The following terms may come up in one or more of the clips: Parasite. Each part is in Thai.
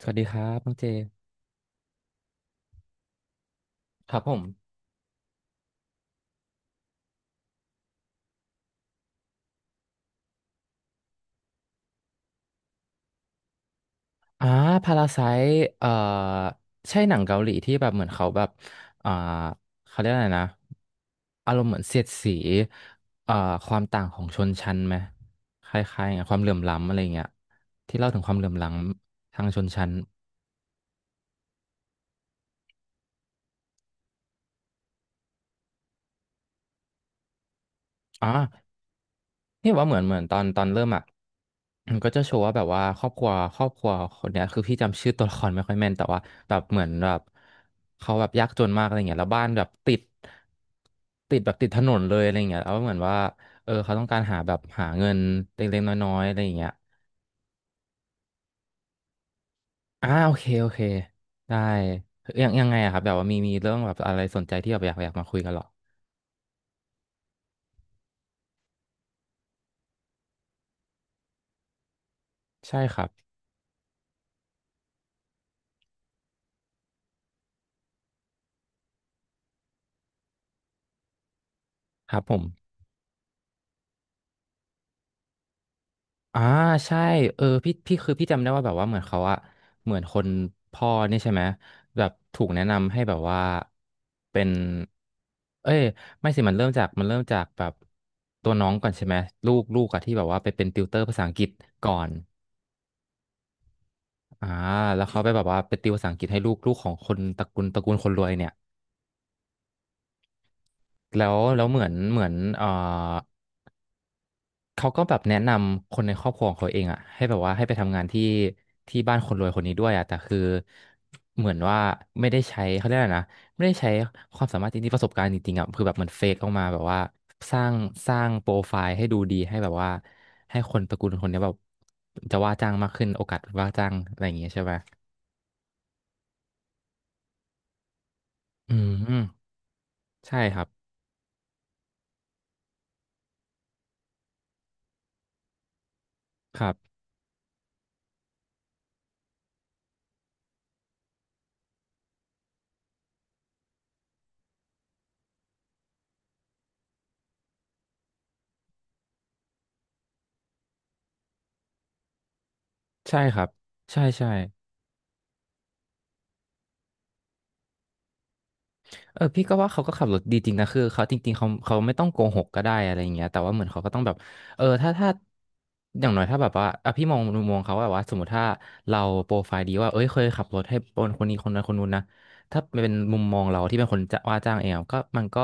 สวัสดีครับน้องเจ ครับผมอ่าพาราไซเอ่อใช่หนังเกาหลีที่แบบเหมือนเขาแบบอ่าเขาเรียกอะไรนะอารมณ์เหมือนเสียดสีเอ่อความต่างของชนชั้นไหมคล้ายๆอย่างความเหลื่อมล้ำอะไรเงี้ยที่เล่าถึงความเหลื่อมล้ำทางชนชั้นอ่า นี่ว่าเหมือนตอนเริ่มอ่ะมันก็จะโชว์ว่าแบบว่าครอบครัวคนเนี้ยคือพี่จำชื่อตัวละครไม่ค่อยแม่นแต่ว่าแบบเหมือนแบบเขาแบบยากจนมากอะไรเงี้ยแล้วบ้านแบบติดติดแบบติดถนนเลยอะไรเงี้ยแล้วเหมือนว่าเออเขาต้องการหาแบบหาเงินเล็กๆน้อยๆอะไรอย่างเงี้ยโอเคโอเคได้ยังไงอะครับแบบว่ามีเรื่องแบบอะไรสนใจที่แบบอยากมาคุยกันเหรอใช่ครับครับผม อ่าใช่เออพี่คือพี่จำได้ว่าแบบว่าเหมือนเขาอะเหมือนคนพ่อนี่ใช่ไหมแบบถูกแนะนำให้แบบว่าเป็นเอ้ยไม่สิมันเริ่มจากแบบตัวน้องก่อนใช่ไหมลูกอะที่แบบว่าไปเป็นติวเตอร์ภาษาอังกฤษก่อนอ่าแล้วเขาไปแบบว่าไปติวภาษาอังกฤษให้ลูกของคนตระกูลคนรวยเนี่ยแล้วเหมือนเขาก็แบบแนะนำคนในครอบครัวของเขาเองอ่ะให้แบบว่าให้ไปทำงานที่บ้านคนรวยคนนี้ด้วยอ่ะแต่คือเหมือนว่าไม่ได้ใช้เขาเรียกอะไรนะไม่ได้ใช้ความสามารถจริงๆประสบการณ์จริงๆอ่ะคือแบบมันเฟกออกมาแบบว่าสร้างสร้างโปรไฟล์ให้ดูดีให้แบบว่าให้คนตระกูลคนเนี้ยแบบจะว่าจ้างมากขึ้นโอกาสว่าจ้างอะไรอย่างเงี้ยใช่ไหมอืมใช่ครับครับใช่ครับใช่ใช่ เออพี่ก็ว่าเขาก็ขับรถดีจริงนะคือเขาจริงๆเขาไม่ต้องโกหกก็ได้อะไรอย่างเงี้ยแต่ว่าเหมือนเขาก็ต้องแบบเออถ้าอย่างน้อยถ้าแบบว่าอ่ะพี่มองมุมมองเขาว่าแบบว่าสมมติถ้าเราโปรไฟล์ดีว่าเอ้ยเคยขับรถให้คนคนนี้คนนั้นคนนู้นนะถ้าเป็นมุมมองเราที่เป็นคนจะว่าจ้างเองอะมันก็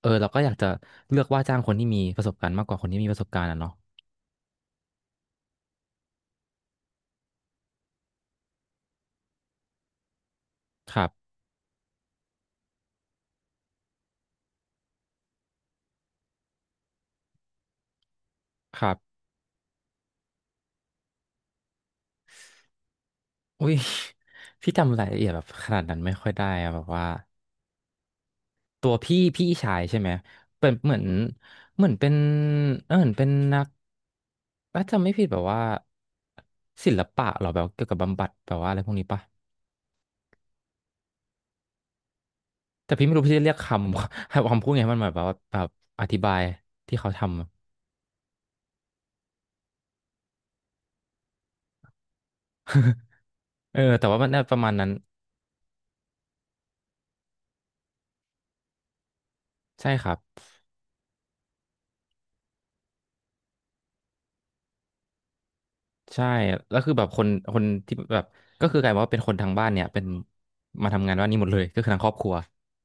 เออเราก็อยากจะเลือกว่าจ้างคนที่มีประสบการณ์มากกว่าคนที่มีประสบการณ์อะเนาะครับครับอุ้ย พี่จำรายละเอียดแบบขนาดนั้นไม่ค่อยได้อะแบบว่า ตัวพี่ชายใช่ไหมเป็นเหมือนเหมือนเป็นเออเหมือนเป็นนักถ้าจำไม่ผิดแบบว่าศิลปะเหรอแบบเกี่ยวกับบำบัดแบบว่าอะไรพวกนี้ปะแต่พี่ไม่รู้พี่จะเรียกคำ คำพูดไงมันหมายแบบว่าแบบอธิบายที่เขาทำ เออแต่ว่ามันน่าประมาณนั้นใช่ครับใช่แล้วคือแบบคนที่แบบก็คือกลายเป็นว่าเป็นคนทางบ้านเนี่ยเป็นมาทำงานว่านนี่หมดเลยก็คือทางครอบครัว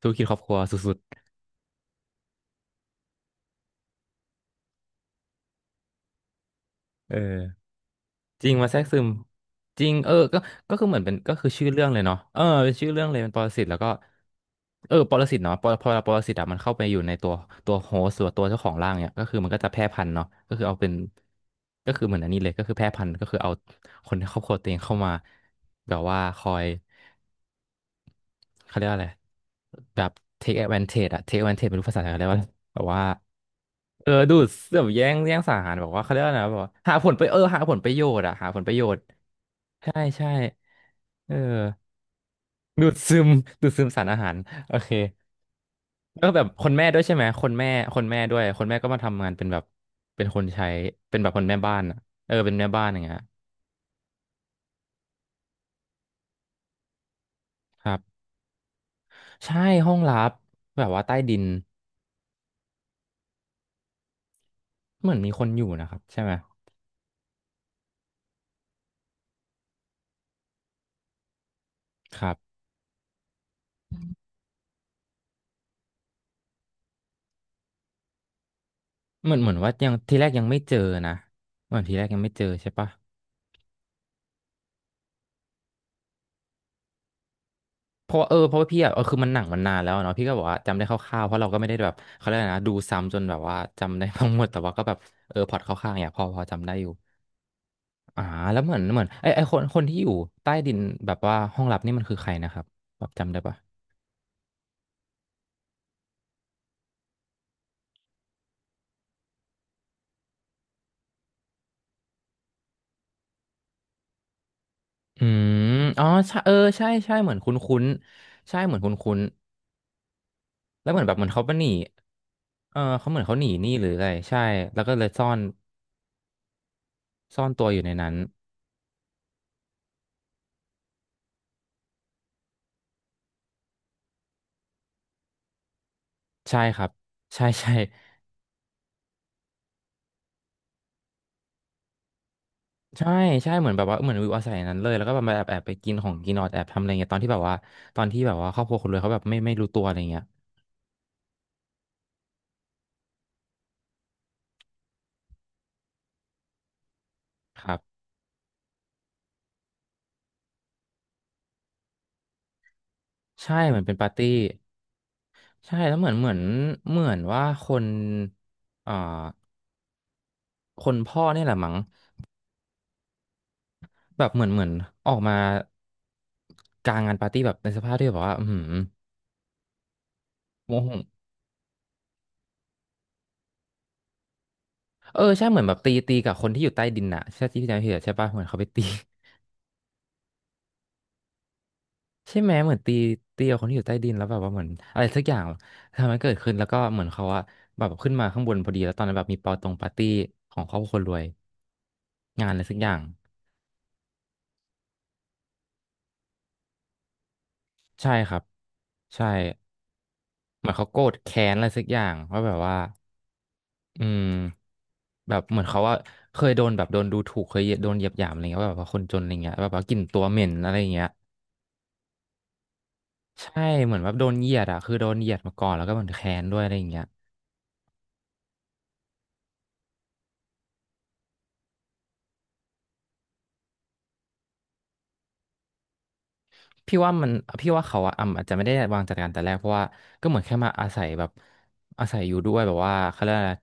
ธุรกิจครอบครัวสุดๆเออ จริงมาแทรกซึมจริงเออก็ก็คือเหมือนเป็นก็คือชื่อเรื่องเลยเนาะเออเป็นชื่อเรื่องเลยเป็นปรสิตแล้วก็เออปรสิตเนาะปรพอปรสิตอะมันเข้าไปอยู่ในตัวตัวโฮสต์หรือตัวเจ้าของร่างเนี่ยก็คือมันก็จะแพร่พันธุ์เนาะก็คือเอาเป็นก็คือเหมือนอันนี้เลยก็คือแพร่พันธุ์ก็คือเอาคนในครอบครัวตัวเองเข้ามาแบบว่าคอยเขาเรียกว่าอะไรแบบ take advantage อะ take advantage ไม่รู้ภาษาไทยเขาเรียกว่าอะไรแบบว่าเออดูดแบบแย่งสาหารแบบว่าเขาเรียกว่าอะไรนะแบบว่าหาผลไปเออหาผลประโยชน์อะหาผลประโยชน์ใช่ใช่ เออดูดซึม ดูดซึมสารอาหารโอเคแล้วก็แบบคนแม่ด้วยใช่ไหมคนแม่คนแม่ด้วยคนแม่ก็มาทำงานเป็นแบบเป็นคนใช้เป็นแบบคนแม่บ้านอะเออเป็นแม่บ้านอย่างเงี้ยครับใช่ห้องลับแบบว่าใต้ดินเหมือนมีคนอยู่นะครับใช่ไหมครับเหมือนเหมือนว่ายังทีแรกยังไม่เจอนะเหมือนทีแรกยังไม่เจอใช่ปะเพราะว่าเพราะว่าพี่อะคือมันหนังมันนานแล้วเนาะพี่ก็บอกว่าจำได้คร่าวๆเพราะเราก็ไม่ได้แบบเขาเรียกอะไรนะดูซ้ำจนแบบว่าจำได้ทั้งหมดแต่ว่าก็แบบเออพล็อตคร่าวๆเนี่ยพอพอจำได้อยู่ อ่าแล้วเหมือนเหมือนไอคนคนที่อยู่ใต้ดินแบบว่าห้องลับนี่มันคือใครนะครับแบบจำได้ปะอืมอ๋อใช่เออใช่ใช่เหมือนคุ้นคุ้นใช่เหมือนคุ้นคุ้นแล้วเหมือนแบบเหมือนเขาไปหนีเออเขาเหมือนเขาหนีหนี้หรืออะไรใช่แล้วก็เลยซ่อนซ่อนตัวอยู่ในนั้นใช่ครับใช่ใช่ ใช่ใช่เหมือนแบบว่าเหมือนวิวอาศัยอย่างนั้นเลยแล้วก็แบบมาแอบแอบไปกินของกินออดแอบทำอะไรเงี้ยตอนที่แบบว่าตอนที่แบบว่าครอบครัวคนรวยเขาแบบไม่รู้ตัวอะไรเงี้ยครับใช่เหมือนเป็นปาร์ตี้ ใช่แล้วเหมือนเหมือนเหมือนว่าคนอ่าคนพ่อเนี่ยแหละมั้งแบบเหมือนเหมือนออกมากลางงานปาร์ตี้แบบในสภาพที่แบบว่าโมโหเออใช่เหมือนแบบตีตีกับคนที่อยู่ใต้ดินน่ะใช่ที่พี่จำไม่ผิดอะใช่ปะเหมือนเขาไปตี ใช่ไหมเหมือนตีตีกับคนที่อยู่ใต้ดินแล้วแบบว่าเหมือนอะไรสักอย่างทำให้เกิดขึ้นแล้วก็เหมือนเขาอะแบบขึ้นมาข้างบนพอดีแล้วตอนนั้นแบบมีปาตรงปาร์ตี้ของครอบครัวคนรวยงานอะไรสักอย่างใช่ครับใช่ เหมือนเขาโกรธแค้นอะไรสักอย่างว่าแบบว่าอืมแบบเหมือนเขาว่าเคยโดนแบบโดนดูถูกเคยโดนเหยียดหยามอะไรเงี้ยว่าแบบว่าคนจนอะไรเงี้ยแบบว่ากลิ่นตัวเหม็นอะไรอย่างเงี้ยใช่เหมือนว่าโดนเหยียดอ่ะคือโดนเหยียดมาก่อนแล้วก็เหมือนแค้นด้วยอะไรเงี้ย พี่ว่ามันพี่ว่าเขาอะอาจจะไม่ได้วางจัดการแต่แรกเพราะว่าก็เหมือนแค่มาอาศัยแบบอาศัยอยู่ด้วยแบบว่าเขาเรียกอะไร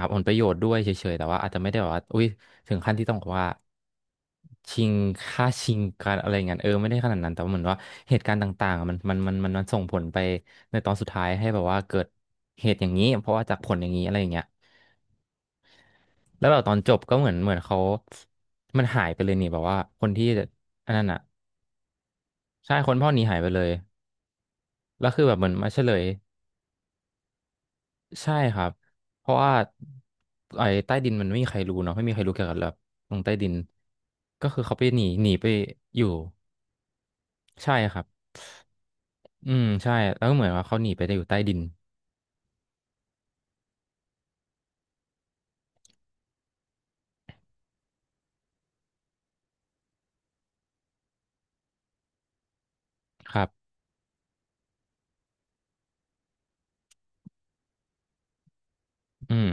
หาผลประโยชน์ด้วยเฉยๆแต่ว่าอาจจะไม่ได้แบบว่าอุ้ยถึงขั้นที่ต้องแบอกว่าชิงค่าชิงกันอะไรเงี้ยเออไม่ได้ขนาดนั้นแต่ว่าเหมือนว่าเหตุการณ์ต่างๆอะมันส่งผลไปในตอนสุดท้ายให้แบบว่าเกิดเหตุอย่างนี้เพราะว่าจากผลอย่างนี้อะไรอย่างเงี้ยแล้วแบบตอนจบก็เหมือนเหมือนเขามันหายไปเลยนี่แบบว่าคนที่อันนั้นอ่ะใช่คนพ่อหนี้หายไปเลย แล้วคือแบบเหมือนมาเฉลยใช่ครับเพราะว่าไอ้ใต้ดินมันไม่มีใครรู้เนาะไม่มีใครรู้เกี่ยวกับแบบลงใต้ดินก็คือเขาไปหนีหนีไปอยู่ใช่ครับอืมใช่แล้วก็เหมือนว่าเขาหนีไปได้อยู่ใต้ดินครับอืม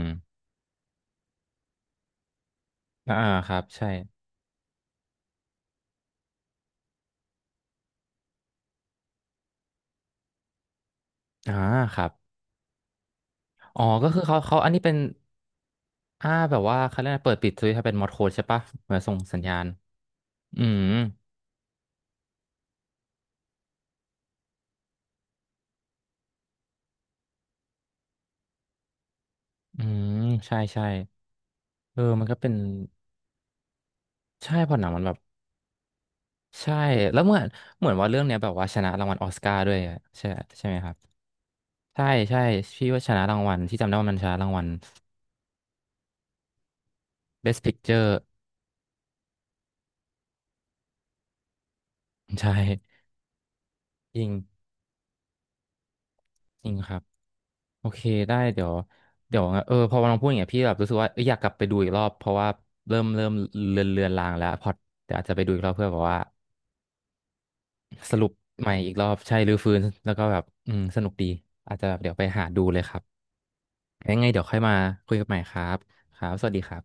อ่าครับใช่อ่าครับอ๋อก็คือเขาเขาอันนี้เป็นแบบว่าเขาเรียกอะไรเปิดปิดสวิตช์ให้เป็นมอดโค้ดใช่ปะเหมือนส่งสัญญาณอืมอืมใช่ใช่เออมันก็เป็นใช่พอหนังมันแบบ ใช่แล้วเหมือนเหมือนว่าเรื่องเนี้ยแบบว่าชนะรางวัลออสการ์ด้วยอะใช่ใช่ไหมครับใช่ใช่พี่ว่าชนะรางวัลที่จำได้ว่ามันชนะรางวัล Best Picture ใช่ จริงจริงครับโอเคได้เดี๋ยวเดี๋ยวพอเราพูดอย่างเงี้ยพี่แบบรู้สึกว่าเอ้ยอยากกลับไปดูอีกรอบเพราะว่าเริ่มเริ่มเลือนเลือนลางแล้วพอเดี๋ยวอาจจะไปดูอีกรอบเพื่อแบบว่าสรุปใหม่อีกรอบใช่รื้อฟื้นแล้วก็แบบอืมสนุกดีอาจจะแบบเดี๋ยวไปหาดูเลยครับยังไงเดี๋ยวค่อยมาคุยกันใหม่ครับครับสวัสดีครับ